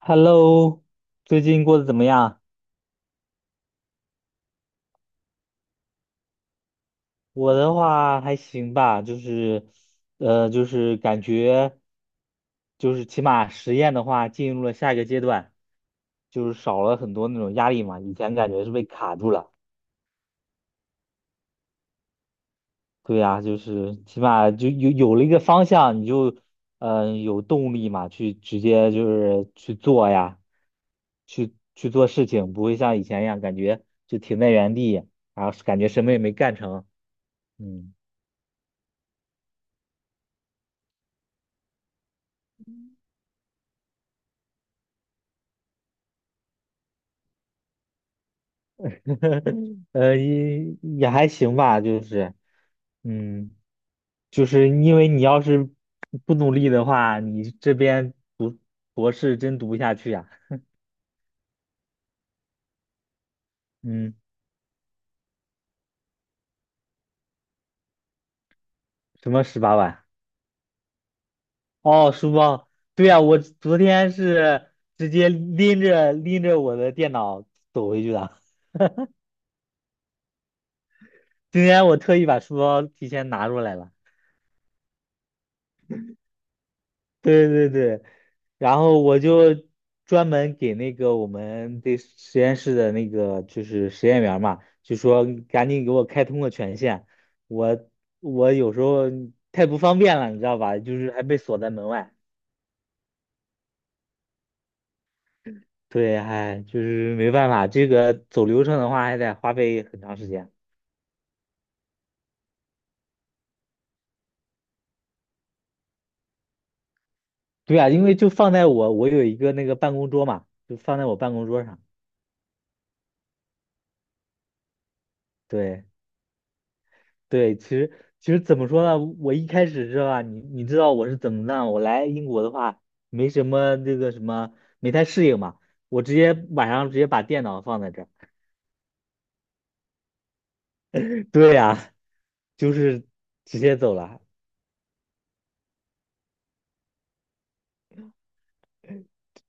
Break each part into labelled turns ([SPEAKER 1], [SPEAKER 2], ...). [SPEAKER 1] Hello，最近过得怎么样？我的话还行吧，就是，就是感觉，就是起码实验的话进入了下一个阶段，就是少了很多那种压力嘛。以前感觉是被卡住了，对呀，就是起码就有了一个方向，你就，有动力嘛，去直接就是去做呀，去做事情，不会像以前一样感觉就停在原地，然后感觉什么也没干成，嗯。呃，也也还行吧，就是，嗯，就是因为你要是不努力的话，你这边读博士真读不下去呀、嗯，什么18万？哦，书包。对呀、我昨天是直接拎着拎着我的电脑走回去的。今天我特意把书包提前拿出来了。对对对，然后我就专门给那个我们的实验室的那个就是实验员儿嘛，就说赶紧给我开通个权限，我我有时候太不方便了，你知道吧？就是还被锁在门外。对，哎，就是没办法，这个走流程的话还得花费很长时间。对啊，因为就放在我有一个那个办公桌嘛，就放在我办公桌上。对。对，其实怎么说呢？我一开始是吧，你知道我是怎么弄？我来英国的话，没什么那个什么，没太适应嘛。我直接晚上直接把电脑放在这儿。对呀，就是直接走了。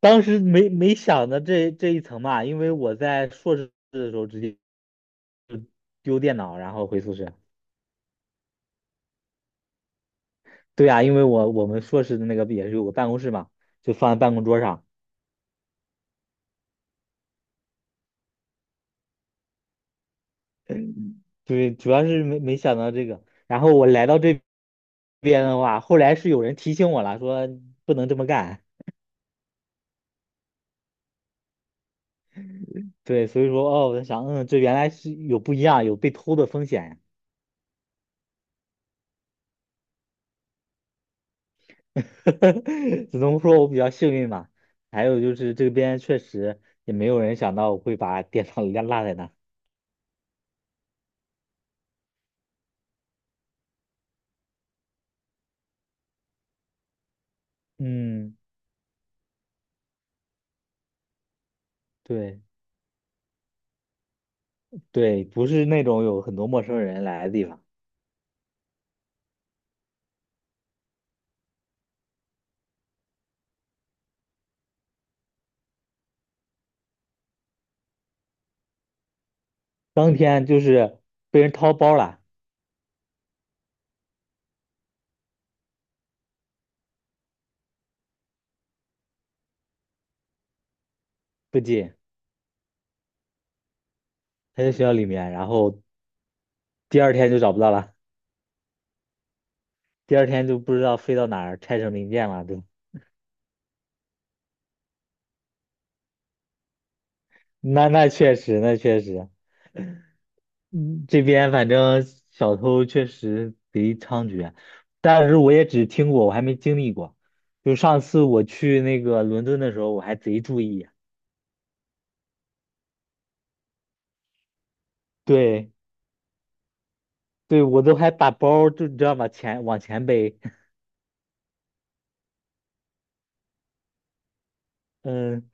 [SPEAKER 1] 当时没想到这一层嘛，因为我在硕士的时候直接丢电脑，然后回宿舍。对呀，因为我们硕士的那个也是有个办公室嘛，就放在办公桌上。对，主要是没想到这个。然后我来到这边的话，后来是有人提醒我了，说不能这么干。对，所以说哦，我在想，这原来是有不一样，有被偷的风险呀 只能说我比较幸运吧。还有就是这边确实也没有人想到我会把电脑落在那。嗯，对对，不是那种有很多陌生人来的地方。当天就是被人掏包了，不仅还在学校里面，然后第二天就找不到了。第二天就不知道飞到哪儿，拆成零件了，对。那确实，那确实，这边反正小偷确实贼猖獗，但是我也只听过，我还没经历过。就上次我去那个伦敦的时候，我还贼注意，对对，我都还把包儿就你知道吗？前往前背。嗯，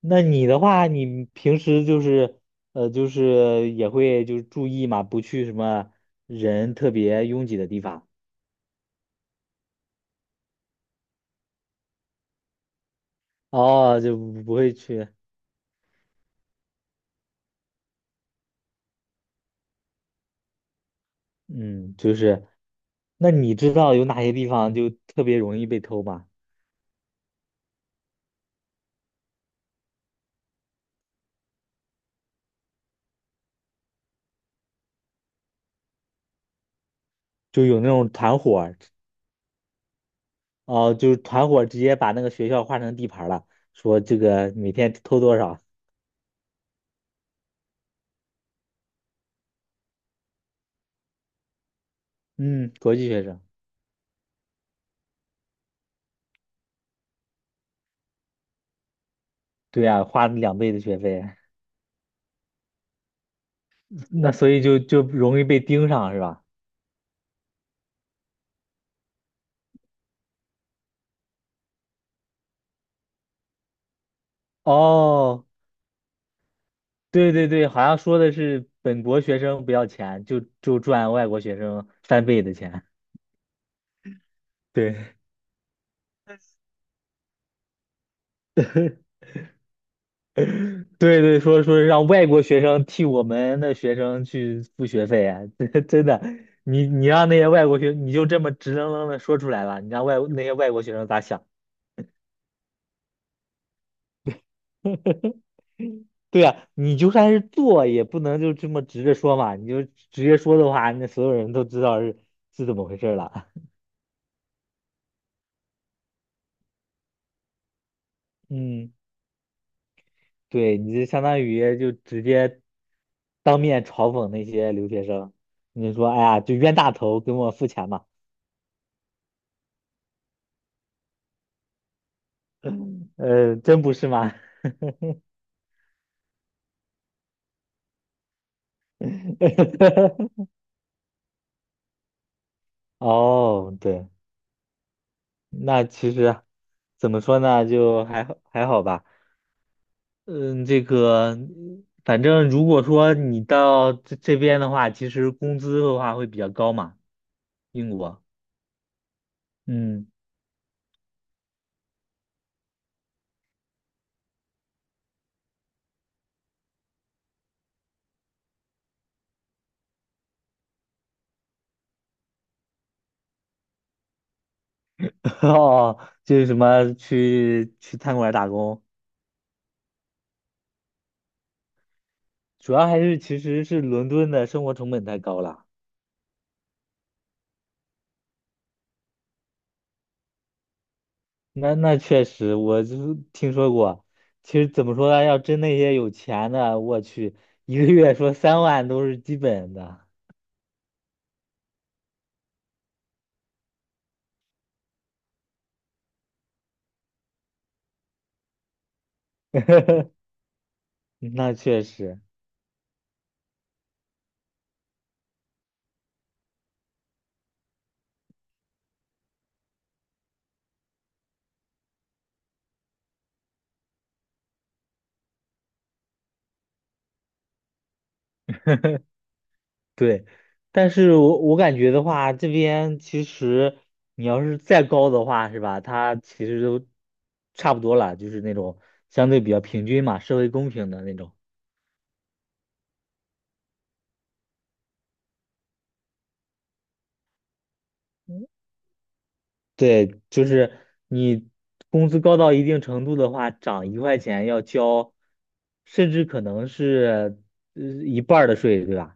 [SPEAKER 1] 那你的话，你平时就是就是也会就是注意嘛，不去什么人特别拥挤的地方。哦，就不会去。嗯，就是，那你知道有哪些地方就特别容易被偷吗？就有那种团伙儿哦、就是团伙儿直接把那个学校划成地盘儿了，说这个每天偷多少？嗯，国际学生，对呀、花2倍的学费，那所以就容易被盯上是吧？哦，对对对，好像说的是本国学生不要钱，就赚外国学生翻倍的钱，对。对对，说让外国学生替我们的学生去付学费啊，真的，你让那些外国学，你就这么直愣愣的说出来了，你让那些外国学生咋想？对呀，你就算是做，也不能就这么直着说嘛，你就直接说的话，那所有人都知道是怎么回事儿了。嗯，对，你就相当于就直接当面嘲讽那些留学生，你就说，哎呀，就冤大头，给我付钱嘛，真不是吗？哦，对，那其实怎么说呢，就还好还好吧。嗯，这个反正如果说你到这边的话，其实工资的话会比较高嘛，英国。嗯，哦，就是什么去餐馆打工，主要还是其实是伦敦的生活成本太高了。那确实，我就是听说过。其实怎么说呢，要真那些有钱的，我去，一个月说3万都是基本的。嗯那确实对，但是我感觉的话，这边其实你要是再高的话，是吧？它其实都差不多了，就是那种相对比较平均嘛，社会公平的那种。对，就是你工资高到一定程度的话，涨1块钱要交，甚至可能是一半儿的税，对吧？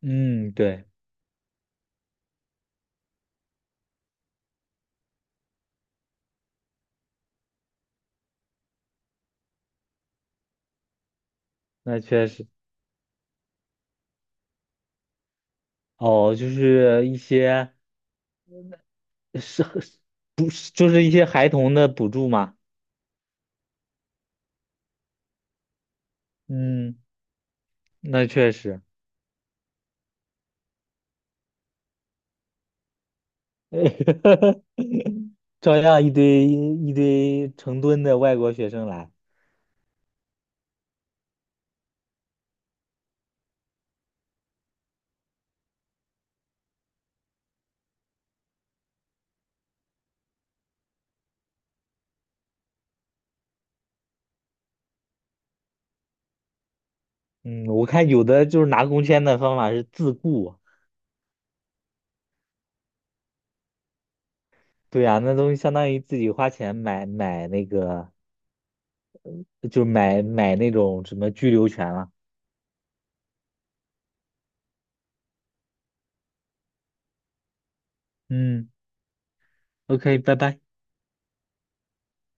[SPEAKER 1] 嗯，对，那确实。哦，就是一些。是不是就是一些孩童的补助嘛？嗯，那确实，照样一堆一堆成吨的外国学生来。嗯，我看有的就是拿工签的方法是自雇，对呀、那东西相当于自己花钱买买那个，就买买那种什么居留权了。嗯，OK，拜拜。